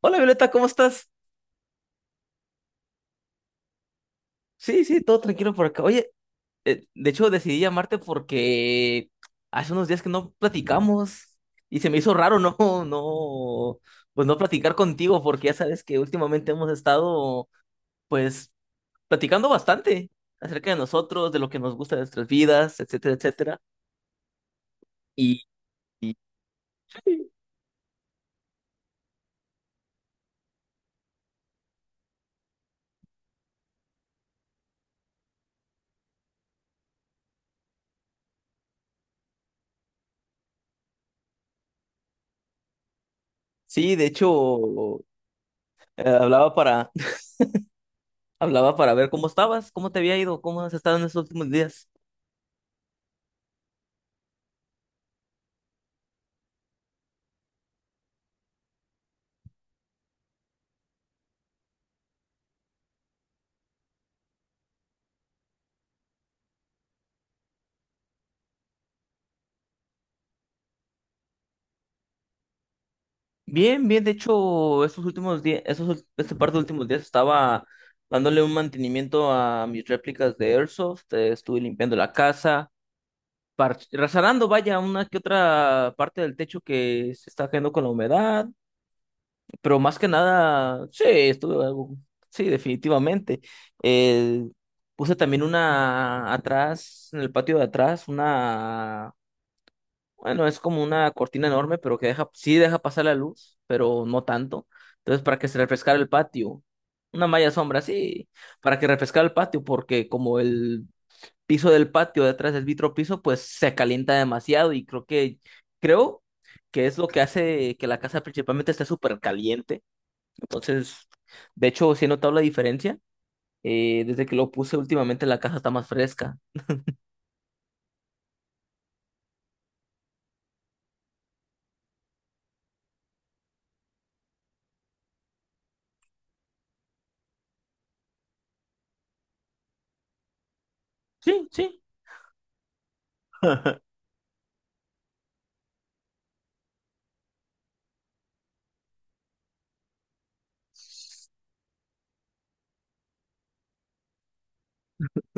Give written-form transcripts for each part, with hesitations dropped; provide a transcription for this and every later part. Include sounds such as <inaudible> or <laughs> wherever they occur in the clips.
Hola Violeta, ¿cómo estás? Sí, sí, todo tranquilo por acá. Oye, de hecho decidí llamarte porque hace unos días que no platicamos y se me hizo raro no, <laughs> no, pues no platicar contigo porque ya sabes que últimamente hemos estado pues platicando bastante acerca de nosotros, de lo que nos gusta de nuestras vidas, etcétera, etcétera. Y, y sí, de hecho hablaba para <laughs> hablaba para ver cómo estabas, cómo te había ido, cómo has estado en estos últimos días. Bien, bien, de hecho, estos últimos días, esos, este par de últimos días estaba dándole un mantenimiento a mis réplicas de Airsoft. Estuve limpiando la casa, reparando, vaya, una que otra parte del techo que se está cayendo con la humedad, pero más que nada, sí, estuve algo, sí, definitivamente. Eh, Puse también una atrás, en el patio de atrás, una, bueno, es como una cortina enorme, pero que deja, sí deja pasar la luz, pero no tanto. Entonces, para que se refrescara el patio, una malla sombra, sí, para que refrescara el patio, porque como el piso del patio detrás del vitro piso, pues se calienta demasiado y creo que es lo que hace que la casa principalmente esté súper caliente. Entonces, de hecho, sí he notado la diferencia. Desde que lo puse últimamente, la casa está más fresca. Sí, sí.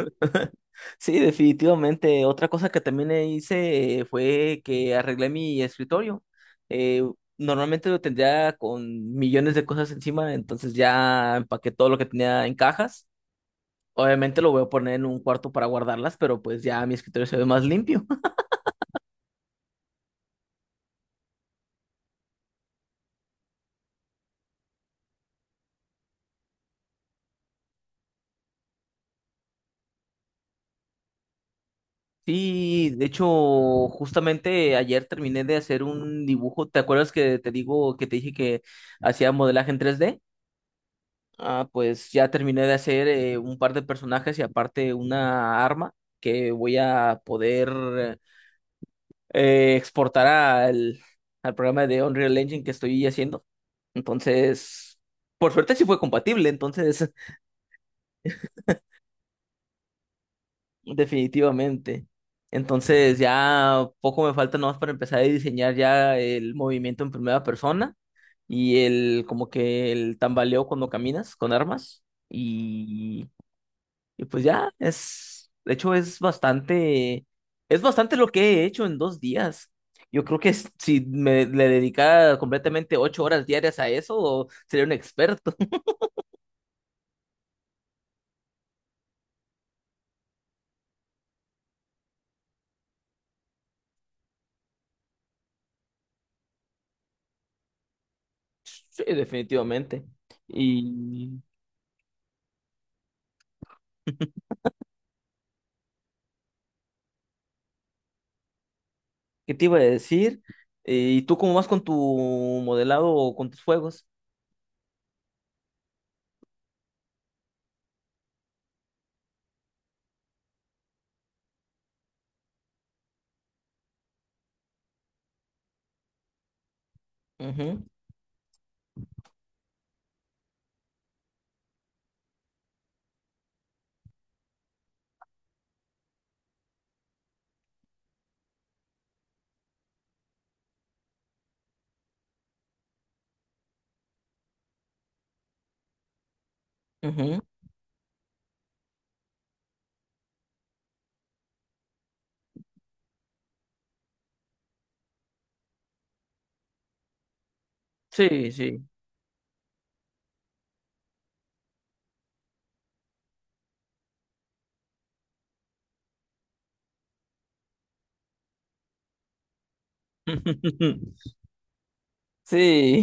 <laughs> Sí, definitivamente. Otra cosa que también hice, fue que arreglé mi escritorio. Eh, Normalmente lo tendría con millones de cosas encima, entonces ya empaqué todo lo que tenía en cajas. Obviamente lo voy a poner en un cuarto para guardarlas, pero pues ya mi escritorio se ve más limpio. <laughs> Sí, de hecho, justamente ayer terminé de hacer un dibujo. ¿Te acuerdas que te dije que hacía modelaje en tres d? Ah, pues ya terminé de hacer un par de personajes y aparte una arma que voy a poder exportar al programa de Unreal Engine que estoy haciendo. Entonces, por suerte sí fue compatible, entonces, <laughs> definitivamente. Entonces ya poco me falta nomás para empezar a diseñar ya el movimiento en primera persona y el como que el tambaleo cuando caminas con armas. y Y pues ya, de hecho es bastante lo que he hecho en dos días. Yo creo que si me le dedicara completamente 8 horas diarias a eso, sería un experto. <laughs> Sí, definitivamente. ¿Y qué te iba a decir? ¿Y tú cómo vas con tu modelado o con tus juegos? Ujú, ujú. Sí, sí. <laughs> Sí.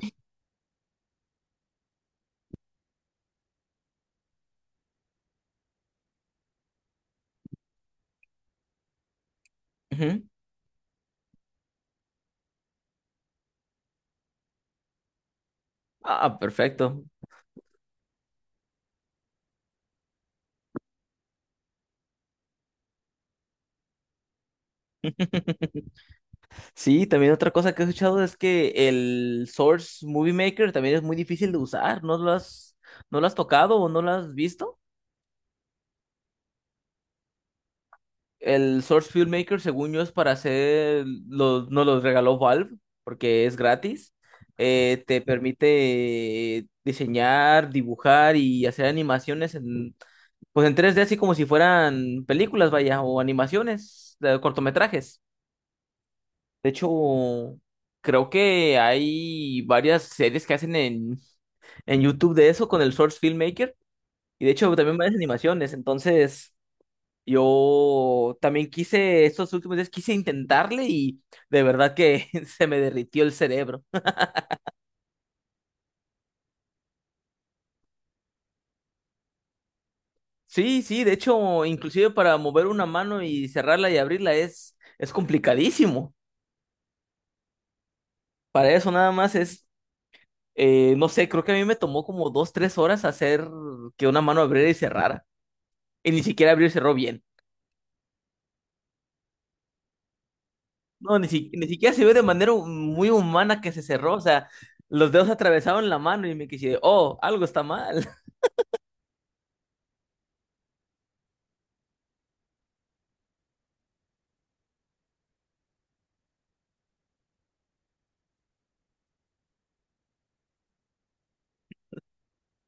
Ujú. Ah, perfecto. <laughs> Sí, también otra cosa que he escuchado es que el Source Movie Maker también es muy difícil de usar. ¿No lo has, no lo has tocado o no lo has visto? El Source Filmmaker, según yo, es para hacer los, nos los regaló Valve porque es gratis. Te permite diseñar, dibujar y hacer animaciones en, pues en 3D, así como si fueran películas, vaya, o animaciones, cortometrajes. De hecho, creo que hay varias series que hacen en YouTube de eso con el Source Filmmaker. Y de hecho, también varias animaciones. Entonces, yo también quise, estos últimos días quise intentarle y de verdad que <laughs> se me derritió el cerebro. Sí, sí, de hecho, inclusive para mover una mano y cerrarla y abrirla es complicadísimo. Para eso nada más es, no sé, creo que a mí me tomó como dos, tres horas hacer que una mano abriera y cerrara. Y ni siquiera abrió y cerró bien. No, ni, ni siquiera se ve de manera muy humana que se cerró. O sea, los dedos atravesaron la mano y me quise, oh, algo está mal.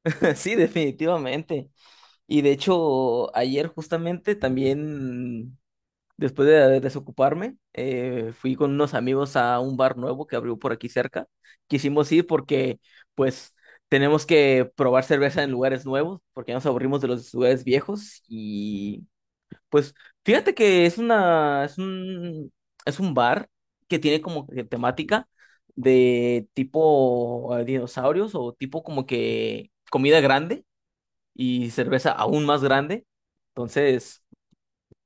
<laughs> Sí, definitivamente. Y de hecho, ayer justamente también, después de desocuparme, fui con unos amigos a un bar nuevo que abrió por aquí cerca. Quisimos ir porque, pues, tenemos que probar cerveza en lugares nuevos, porque ya nos aburrimos de los lugares viejos y pues fíjate que es un bar que tiene como que temática de tipo dinosaurios o tipo como que comida grande y cerveza aún más grande. Entonces,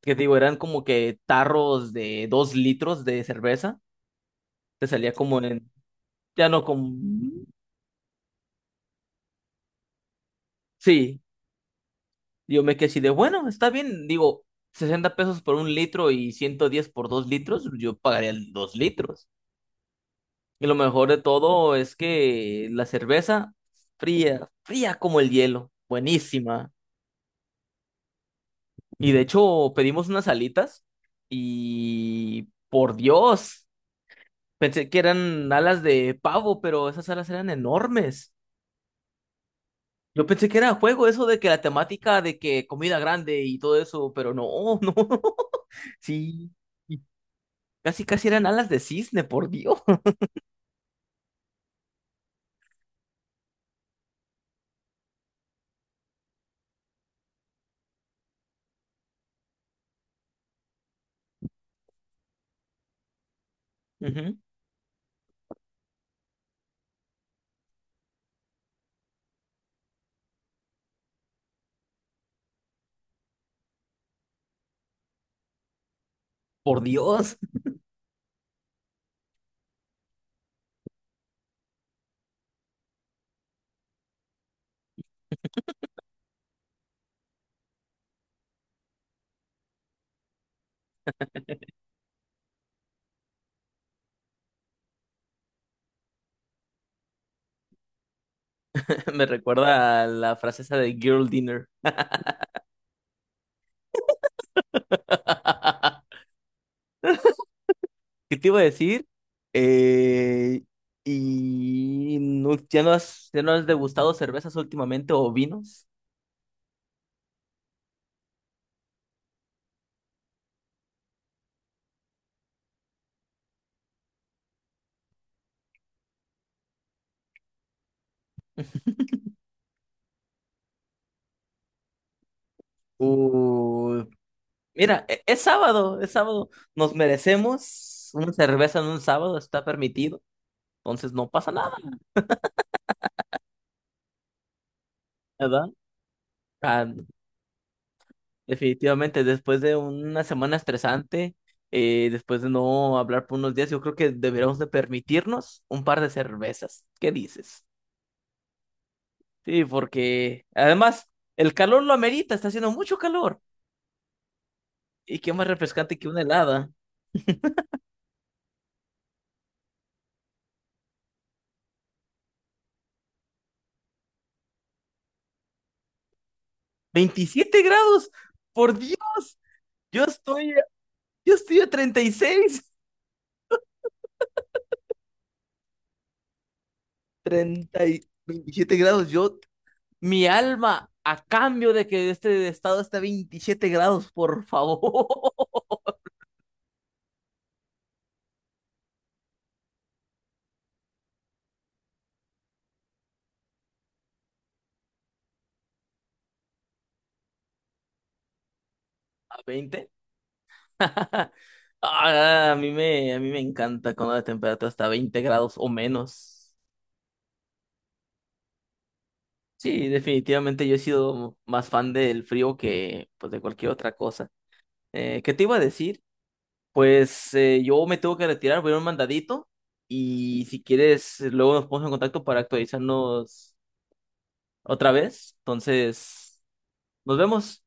¿qué te digo? Eran como que tarros de 2 litros de cerveza. Te salía como ya no como, sí, yo me quedé así de, bueno, está bien, digo, 60 pesos por un litro y 110 por 2 litros, yo pagaría el 2 litros. Y lo mejor de todo es que la cerveza fría, fría como el hielo, buenísima. Y de hecho pedimos unas alitas y por Dios, pensé que eran alas de pavo, pero esas alas eran enormes. Yo pensé que era juego eso de que la temática de que comida grande y todo eso, pero no, <laughs> no. Sí, y casi casi eran alas de cisne, por Dios. Ujú, por Dios, <laughs> me recuerda a la frase esa de Girl Dinner. <laughs> ¿Qué te iba a decir? Eh, ya no has degustado cervezas últimamente o vinos? Uh, mira, es sábado, es sábado. Nos merecemos una cerveza en un sábado, está permitido. Entonces no pasa nada, ¿verdad? Ah, definitivamente, después de una semana estresante, después de no hablar por unos días, yo creo que deberíamos de permitirnos un par de cervezas. ¿Qué dices? Sí, porque además el calor lo amerita, está haciendo mucho calor. Y qué más refrescante que una helada. 27 grados, por Dios, yo estoy, yo estoy a 36. 30 y 27 grados, yo, mi alma, a cambio de que este estado esté a 27 grados, por favor. <laughs> ¿A veinte? <laughs> Ah, a mí me encanta cuando la temperatura está a 20 grados o menos. Sí, definitivamente yo he sido más fan del frío que pues, de cualquier otra cosa. ¿Qué te iba a decir? Pues yo me tengo que retirar, voy a ir a un mandadito y si quieres luego nos ponemos en contacto para actualizarnos otra vez. Entonces, nos vemos.